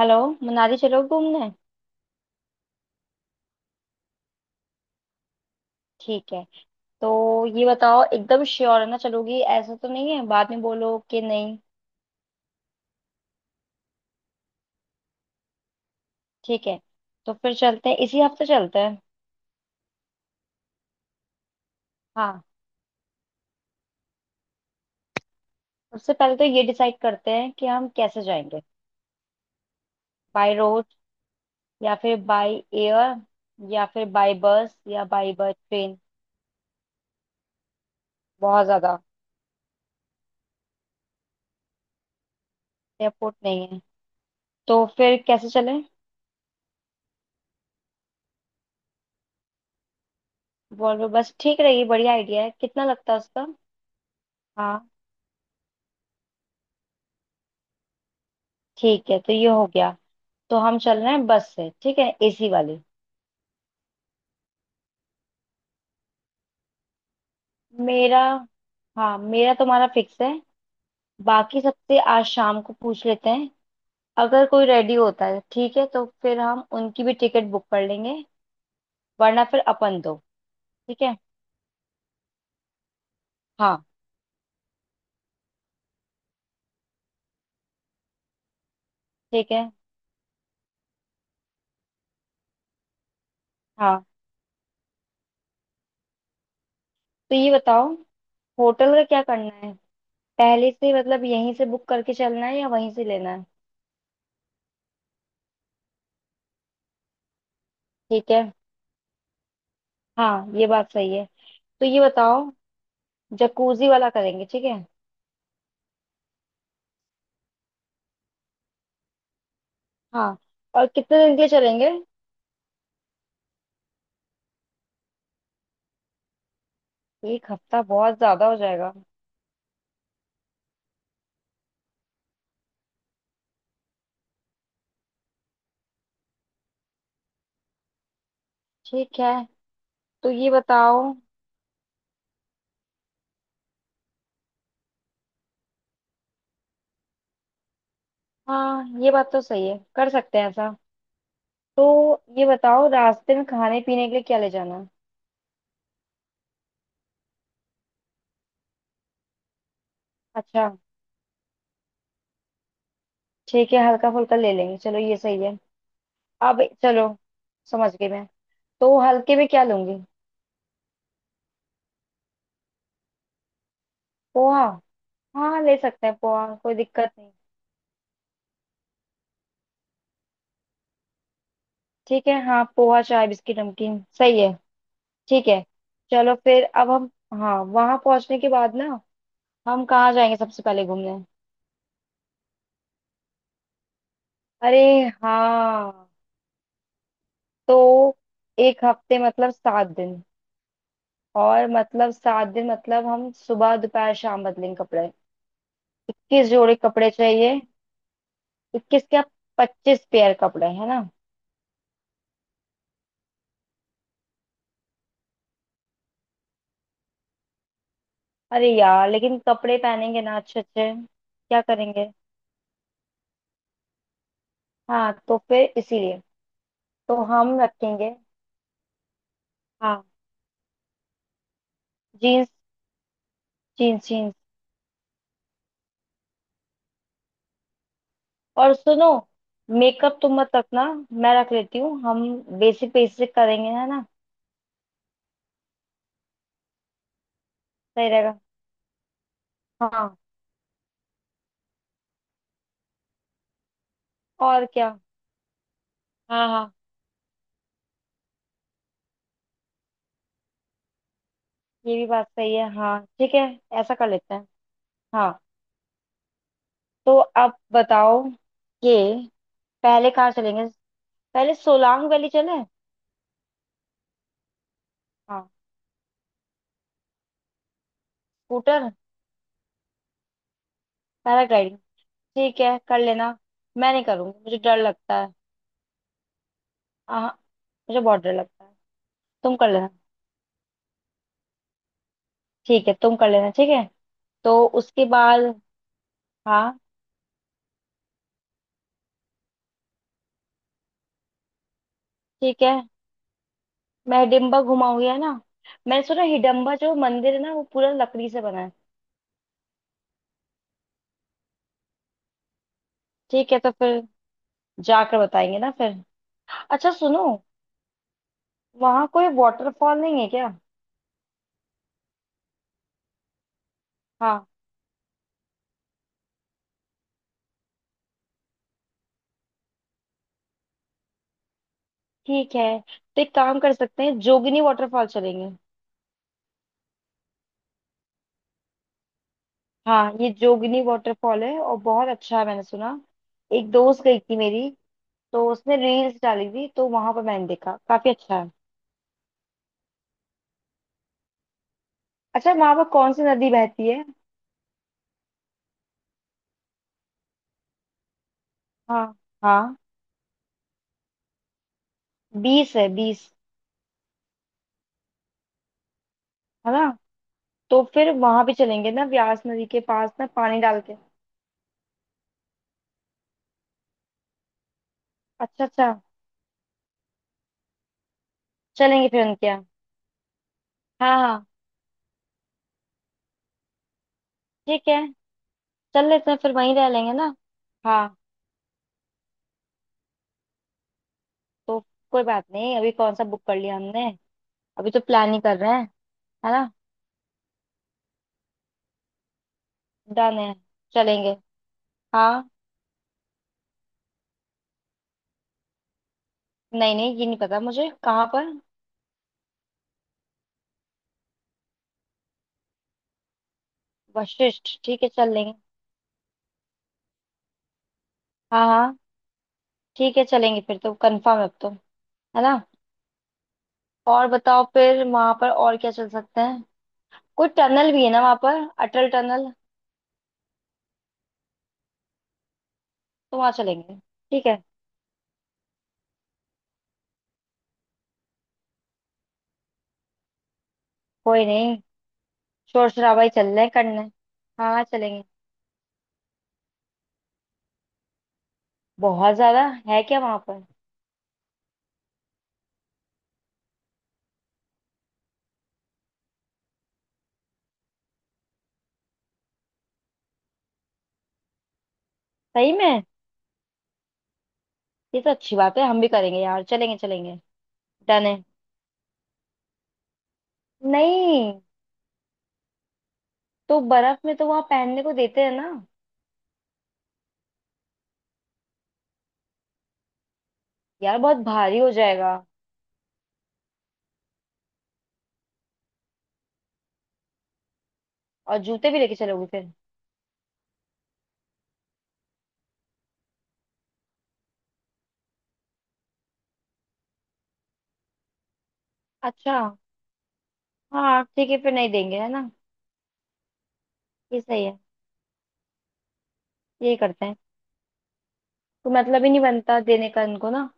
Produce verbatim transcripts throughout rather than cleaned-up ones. Hello. Manali चलो घूमने। ठीक है। तो ये बताओ, एकदम श्योर है ना चलोगी? ऐसा तो नहीं है बाद में बोलो कि नहीं। ठीक है। तो फिर चलते हैं, इसी हफ्ते चलते हैं। हाँ, उससे पहले तो ये डिसाइड करते हैं कि हम कैसे जाएंगे। बाय रोड, या फिर बाय एयर, या फिर बाय बस, या बाय बस ट्रेन। बहुत ज्यादा। एयरपोर्ट नहीं है। तो फिर कैसे चलें? वॉल्वो बस ठीक रहेगी, बढ़िया आइडिया है। कितना लगता है उसका? हाँ, ठीक है, तो ये हो गया। तो हम चल रहे हैं बस से, ठीक है, एसी वाली। मेरा हाँ, मेरा तुम्हारा फिक्स है। बाकी सबसे आज शाम को पूछ लेते हैं। अगर कोई रेडी होता है ठीक है, तो फिर हम उनकी भी टिकट बुक कर लेंगे। वरना फिर अपन दो। ठीक है। हाँ, ठीक है। हाँ, तो ये बताओ, होटल का क्या करना है? पहले से मतलब यहीं से बुक करके चलना है या वहीं से लेना है? ठीक है, हाँ, ये बात सही है। तो ये बताओ, जकूजी वाला करेंगे, ठीक है? हाँ, और कितने दिन के लिए चलेंगे? एक हफ्ता बहुत ज्यादा हो जाएगा। ठीक है। तो ये बताओ। हाँ, ये बात तो सही है, कर सकते हैं ऐसा। तो ये बताओ, रास्ते में खाने पीने के लिए क्या ले जाना है? अच्छा, ठीक है, हल्का फुल्का ले लेंगे, चलो ये सही है। अब चलो, समझ गई मैं। तो हल्के में क्या लूंगी? पोहा? हाँ, ले सकते हैं पोहा, कोई दिक्कत नहीं। ठीक है, हाँ, पोहा चाय बिस्किट नमकीन सही है। ठीक है। चलो फिर। अब हम, हाँ, वहां पहुंचने के बाद ना, हम कहाँ जाएंगे सबसे पहले घूमने? अरे, हाँ। तो एक हफ्ते मतलब सात दिन। और मतलब सात दिन मतलब हम सुबह दोपहर शाम बदलेंगे कपड़े। इक्कीस जोड़े कपड़े चाहिए। इक्कीस क्या, पच्चीस पेयर कपड़े, है ना। अरे यार लेकिन कपड़े पहनेंगे ना अच्छे अच्छे, क्या करेंगे। हाँ तो फिर इसीलिए। तो हम रखेंगे। हाँ। Jeans, jeans, jeans. और सुनो, मेकअप तुम मत रखना, मैं रख लेती हूँ। हम बेसिक बेसिक करेंगे, है ना। सही रहेगा। हाँ, और क्या। हाँ हाँ। ये भी बात सही है, हाँ, ठीक है, ऐसा कर लेते हैं। हाँ। तो आप बताओ कि पहले कहाँ चलेंगे? पहले सोलांग वैली चले? हाँ। Scooter paragliding. ठीक है, कर लेना। मैं नहीं करूँगी, मुझे डर लगता है। आह, मुझे बहुत डर लगता है। तुम कर लेना। ठीक है, तुम कर लेना, ठीक है। तो उसके बाद। हाँ, ठीक है। मैं हिडिम्बा घुमाऊंगी, है ना। मैंने सुना हिडम्बा जो मंदिर है ना, वो पूरा लकड़ी से बना है। ठीक है। तो फिर जाकर बताएंगे ना फिर। अच्छा सुनो, वहाँ कोई वाटरफॉल नहीं है क्या? हाँ। ठीक है, तो एक काम कर सकते हैं, जोगिनी वाटरफॉल चलेंगे। हाँ, ये जोगिनी वाटरफॉल है और बहुत अच्छा है, मैंने सुना। एक दोस्त गई थी मेरी, तो उसने रील्स डाली थी, तो वहां पर मैंने देखा काफी अच्छा है। अच्छा, वहां पर कौन सी नदी बहती है? हाँ हाँ, बीस है, बीस। है ना। तो फिर वहां भी चलेंगे ना, व्यास नदी के पास ना, पानी डाल के। अच्छा अच्छा। चलेंगे फिर उनके यहाँ। हाँ हाँ। ठीक है, चल लेते हैं, फिर वहीं रह लेंगे ना। हाँ। तो कोई बात नहीं, अभी कौन सा बुक कर लिया हमने। अभी तो प्लान ही कर रहे हैं। है ना। डन है। चलेंगे। हाँ। नहीं नहीं, ये नहीं पता मुझे, कहाँ पर? वशिष्ठ, ठीक है, चल लेंगे। हाँ हाँ। ठीक है, चलेंगे, फिर तो कंफर्म है अब तो, है ना। और बताओ, फिर वहां पर और क्या चल सकते हैं? कोई टनल भी है ना वहां पर, अटल टनल। तो वहां चलेंगे। ठीक है। कोई नहीं, शोर शराबा ही चल रहे हैं करने। हाँ, चलेंगे। बहुत ज्यादा है क्या वहां पर? सही में। ये तो अच्छी बात है, हम भी करेंगे यार, चलेंगे चलेंगे। डन है। नहीं, तो बर्फ में तो वहां पहनने को देते हैं ना? यार बहुत भारी हो जाएगा। और जूते भी लेके चलोगे फिर? अच्छा, हाँ, ठीक है, फिर नहीं देंगे, है ना। ये सही है। यही करते हैं। तो मतलब ही नहीं बनता देने का इनको ना।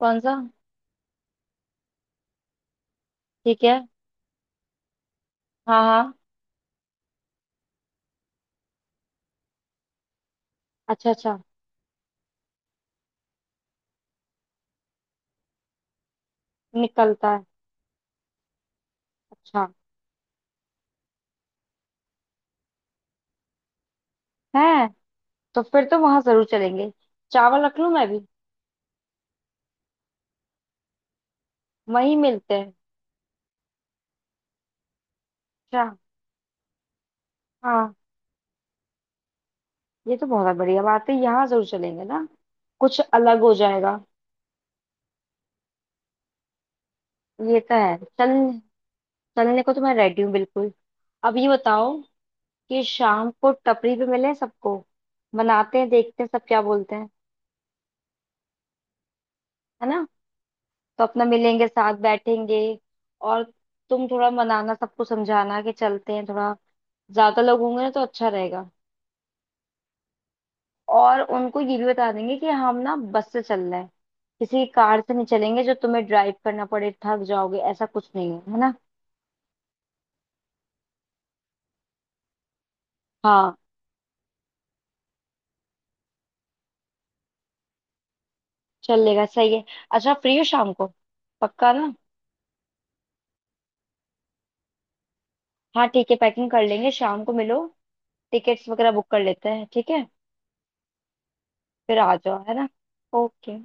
कौन सा? ठीक है। हाँ हाँ। अच्छा अच्छा। निकलता है। अच्छा। है। तो फिर तो वहां जरूर चलेंगे। चावल रख लूं मैं भी? वहीं मिलते हैं। अच्छा, हाँ, ये तो बहुत बढ़िया बात है, यहाँ जरूर चलेंगे ना। कुछ अलग हो जाएगा। ये तो है। चल, चलने को तो मैं रेडी हूँ बिल्कुल। अब ये बताओ कि शाम को टपरी पे मिले सबको। बनाते हैं, देखते हैं सब क्या बोलते हैं। है ना। तो अपना मिलेंगे, साथ बैठेंगे। और तुम थोड़ा मनाना सबको, समझाना कि चलते हैं थोड़ा, ज्यादा लोग होंगे ना तो अच्छा रहेगा। और उनको ये भी बता देंगे कि हम ना बस से चल रहे हैं, किसी कार से नहीं चलेंगे जो तुम्हें ड्राइव करना पड़े, थक जाओगे, ऐसा कुछ नहीं है, है ना। हाँ। चलेगा, सही है। अच्छा, फ्री हो शाम को? पक्का ना? हाँ ठीक है, पैकिंग कर लेंगे, शाम को मिलो। टिकट्स वगैरह बुक कर लेते हैं, ठीक है। फिर आ जाओ, है ना। ओके।